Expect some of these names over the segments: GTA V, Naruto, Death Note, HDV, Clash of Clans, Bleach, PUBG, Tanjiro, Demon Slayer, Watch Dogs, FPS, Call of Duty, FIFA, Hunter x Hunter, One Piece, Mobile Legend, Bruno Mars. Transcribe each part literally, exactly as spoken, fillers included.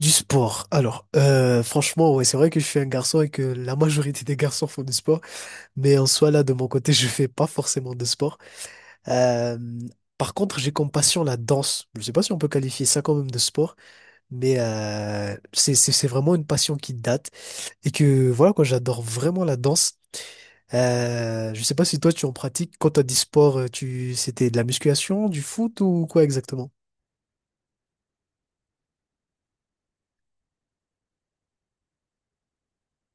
Du sport. Alors, euh, franchement, ouais, c'est vrai que je suis un garçon et que la majorité des garçons font du sport, mais en soi, là, de mon côté, je fais pas forcément de sport. Euh, Par contre, j'ai comme passion la danse. Je sais pas si on peut qualifier ça quand même de sport, mais euh, c'est, c'est, c'est vraiment une passion qui date et que voilà, quoi, j'adore vraiment la danse. Euh, je sais pas si toi, tu en pratiques. Quand t'as dit sport, euh, tu, c'était de la musculation, du foot ou quoi exactement?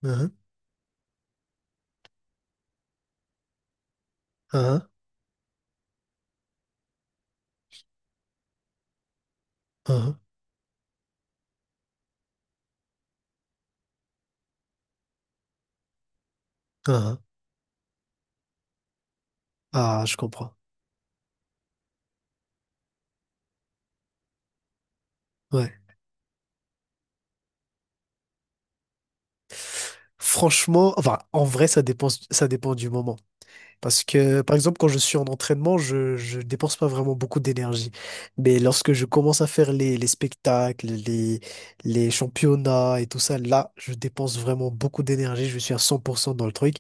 Uhum, uhum, uhum, uhum. Ah, je comprends. Ouais. Franchement, enfin, en vrai, ça dépend, ça dépend du moment. Parce que, par exemple, quand je suis en entraînement, je, je dépense pas vraiment beaucoup d'énergie. Mais lorsque je commence à faire les, les spectacles, les, les championnats et tout ça, là, je dépense vraiment beaucoup d'énergie. Je suis à cent pour cent dans le truc.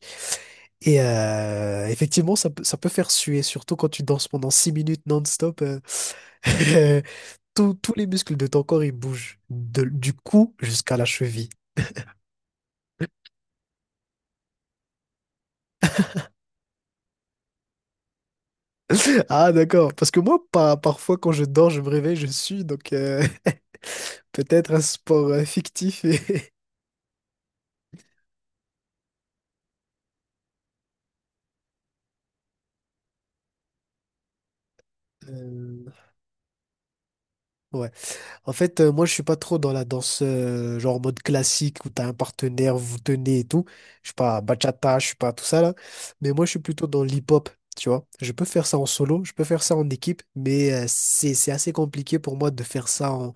Et euh, effectivement, ça peut, ça peut faire suer, surtout quand tu danses pendant six minutes non-stop. euh, tous tous les muscles de ton corps, ils bougent de- du cou jusqu'à la cheville. Ah, d'accord. Parce que moi, par- parfois, quand je dors, je me réveille, je suis. Donc, euh, peut-être un sport euh, fictif. et- Euh, ouais. En fait, euh, moi, je suis pas trop dans la danse, euh, genre en mode classique où t'as un partenaire, vous tenez et tout. Je suis pas bachata, je suis pas tout ça là. Mais moi, je suis plutôt dans l'hip-hop, tu vois. Je peux faire ça en solo, je peux faire ça en équipe, mais euh, c'est, c'est assez compliqué pour moi de faire ça en,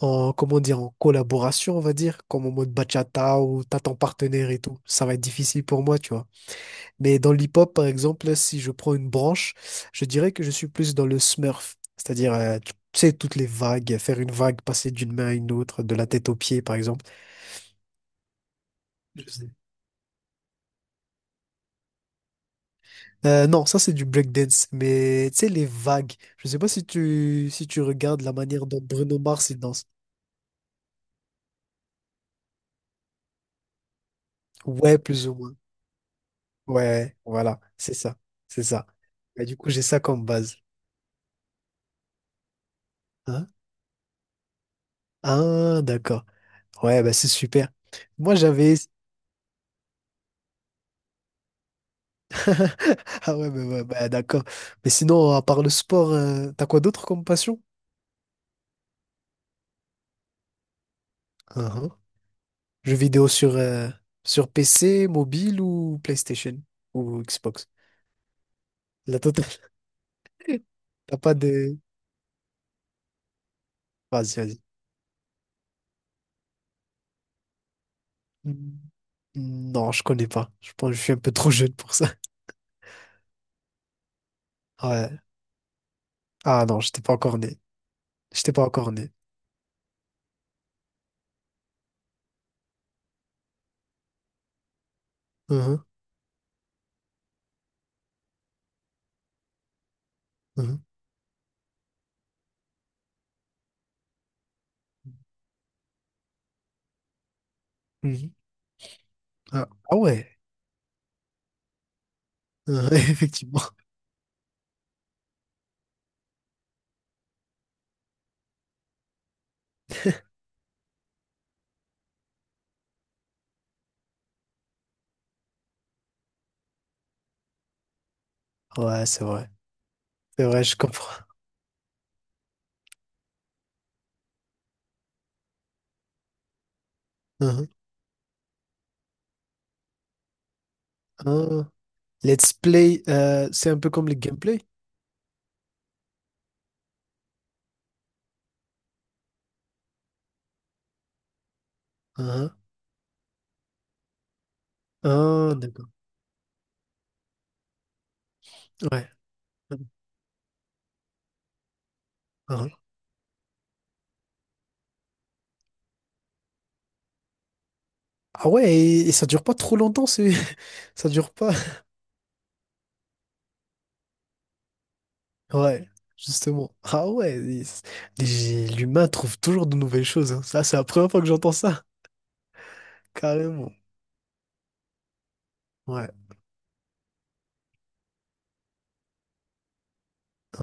en, comment dire, en collaboration, on va dire, comme en mode bachata où t'as ton partenaire et tout. Ça va être difficile pour moi, tu vois. Mais dans l'hip-hop, par exemple, si je prends une branche, je dirais que je suis plus dans le smurf. C'est-à-dire, euh, tu sais, toutes les vagues, faire une vague, passer d'une main à une autre, de la tête aux pieds, par exemple. Je sais. Euh, non, ça c'est du breakdance, mais tu sais, les vagues. Je sais pas si tu, si tu regardes la manière dont Bruno Mars il danse. Ouais, plus ou moins. Ouais, voilà, c'est ça, c'est ça. Et du coup, j'ai ça comme base. Hein? Ah, d'accord. Ouais, bah c'est super. Moi, j'avais, ah ouais, mais, ouais, bah, d'accord. Mais sinon, à part le sport, euh, t'as quoi d'autre comme passion? Uhum. Jeux vidéo sur, euh, sur P C, mobile ou PlayStation ou Xbox? La totale. T'as pas de... Vas-y, vas-y. Hmm, non, je connais pas. Je pense que je suis un peu trop jeune pour ça. Ouais. Ah non, j'étais pas encore né. J'étais pas encore né. Uhum, uhum, mhm. Ah, ah ouais. Uhum, effectivement. Ouais, c'est vrai. C'est vrai, je comprends. Uhum. Ah. Let's play, euh, c'est un peu comme le gameplay. Ah, ah. Ah, d'accord. Ouais. Ah, ah. Ah ouais, et, et ça dure pas trop longtemps, c'est... ça dure pas. Ouais, justement. Ah ouais, et c- les- l'humain trouve toujours de nouvelles choses. Hein. Ça, c'est la première fois que j'entends ça. Carrément. Ouais,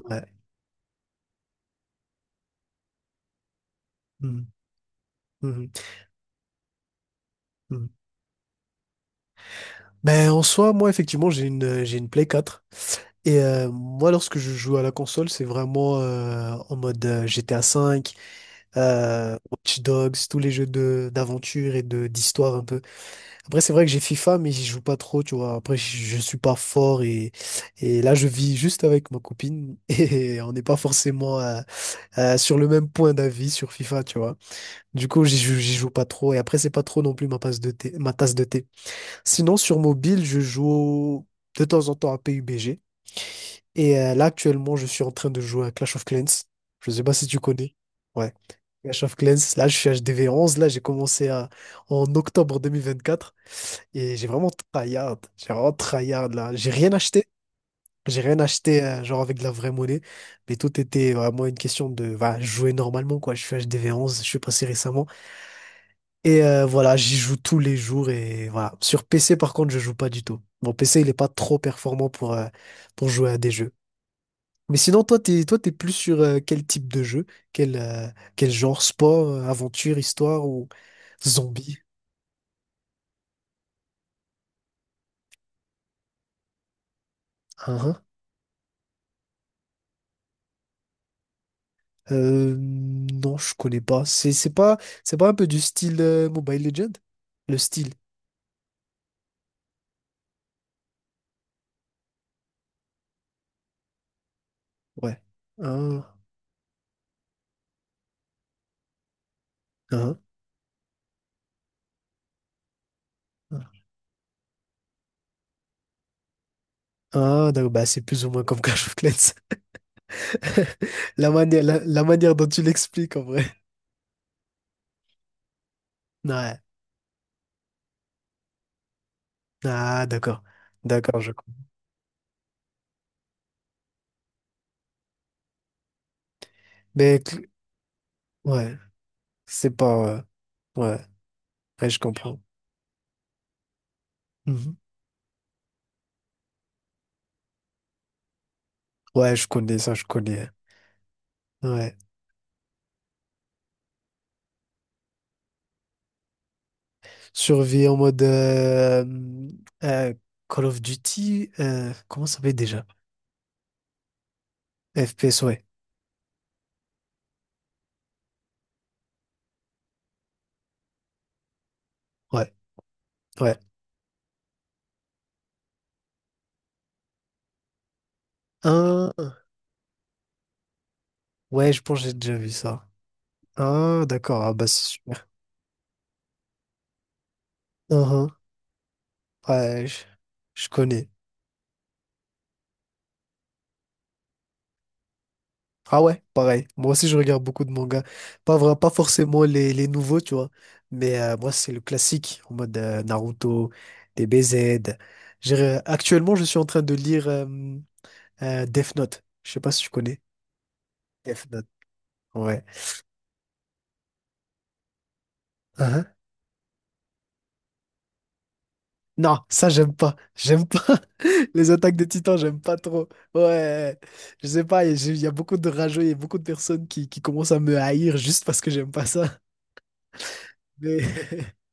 ouais. Mhm, mhm, mhm. Ben, en soi, moi, effectivement, j'ai une, j'ai une Play quatre. Et euh, moi, lorsque je joue à la console, c'est vraiment euh, en mode euh, G T A cinq. euh, Watch Dogs, tous les jeux de d'aventure et de d'histoire un peu. Après, c'est vrai que j'ai FIFA, mais j'y joue pas trop, tu vois. Après, je, je suis pas fort et, et là, je vis juste avec ma copine et on n'est pas forcément euh, euh, sur le même point d'avis sur FIFA, tu vois. Du coup, j'y joue, j'y joue pas trop et après, c'est pas trop non plus ma tasse de thé, ma tasse de thé. Sinon, sur mobile, je joue de temps en temps à P U B G. Et euh, là, actuellement, je suis en train de jouer à Clash of Clans. Je sais pas si tu connais. Ouais. Clash of Clans. Là, je suis H D V onze. Là, j'ai commencé à- en octobre deux mille vingt-quatre. Et j'ai vraiment tryhard. J'ai vraiment tryhard, là. J'ai rien acheté. J'ai rien acheté, euh, genre avec de la vraie monnaie. Mais tout était vraiment une question de bah, jouer normalement, quoi. Je suis H D V onze. Je suis passé récemment. Et euh, voilà, j'y joue tous les jours. Et voilà. Sur P C, par contre, je joue pas du tout. Mon P C, il est pas trop performant pour, euh, pour jouer à des jeux. Mais sinon, toi, t'es, toi, t'es plus sur euh, quel type de jeu? Quel, euh, quel genre? Sport, euh, aventure, histoire ou zombie? Hein, hein. Euh, non, je connais pas. C'est, c'est pas, c'est pas un peu du style euh, Mobile Legend? Le style, ouais. Hein, hein, hein. Ah, d'accord, bah, c'est plus ou moins comme Clash of Clans. La manière, la, la manière dont tu l'expliques, en vrai. Ouais. Ah, d'accord. D'accord, je comprends. Mais, cl- ouais, c'est pas... euh, ouais, ouais, je comprends. Ouais, je connais ça, je connais. Ouais. Survie en mode euh, euh, Call of Duty, euh, comment ça s'appelle déjà? F P S, ouais. Ouais, ouais. Un, ouais, je pense que j'ai déjà vu ça. Ah, d'accord, ah bah c'est super. Un, Ouais, je, je connais. Ah ouais, pareil. Moi aussi, je regarde beaucoup de mangas. Pas vrai, pas forcément les, les nouveaux, tu vois. Mais euh, moi, c'est le classique, en mode euh, Naruto, les B Z. J'ai- Actuellement, je suis en train de lire. euh, Euh, Death Note. Je sais pas si tu connais. Death Note. Ouais. Hein? Non, ça, j'aime pas. J'aime pas. Les attaques des titans, j'aime pas trop. Ouais. Je sais pas, il y a il y a beaucoup de rageux, il y a beaucoup de personnes qui, qui commencent à me haïr juste parce que j'aime pas ça. Mais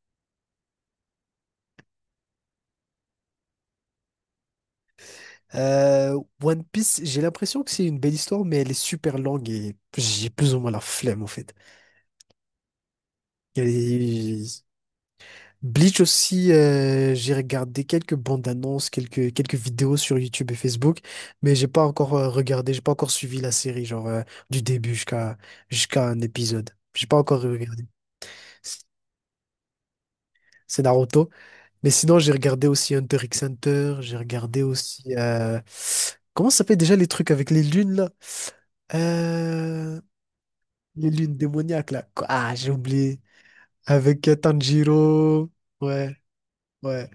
euh, One Piece, j'ai l'impression que c'est une belle histoire, mais elle est super longue et j'ai plus ou moins la flemme, en fait. Elle est- Bleach aussi, euh, j'ai regardé quelques bandes annonces, quelques, quelques vidéos sur YouTube et Facebook, mais j'ai pas encore euh, regardé, j'ai pas encore suivi la série, genre euh, du début jusqu'à jusqu'à un épisode. J'ai pas encore regardé. C'est c'est Naruto. Mais sinon, j'ai regardé aussi Hunter x Hunter, j'ai regardé aussi. euh, Comment ça s'appelle déjà les trucs avec les lunes là? Euh, Les lunes démoniaques là. Quoi Ah, j'ai oublié. Avec euh, Tanjiro. Ouais, ouais,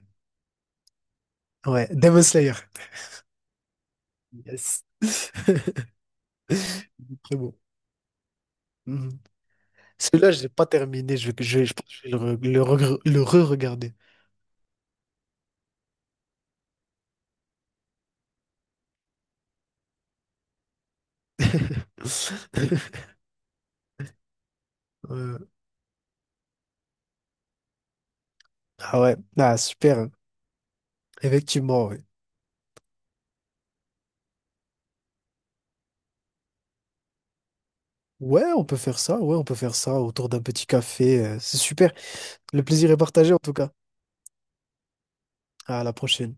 ouais. Demon Slayer. Yes. Très bon. Mhm. Celui-là, je l'ai pas terminé. Je vais, je vais- je pense que je vais le, re, le regre- le re-regarder. Euh, ah ouais. Ah, super. Effectivement, ouais. Ouais, on peut faire ça. Ouais, on peut faire ça autour d'un petit café. euh, C'est super. Le plaisir est partagé, en tout cas. À la prochaine.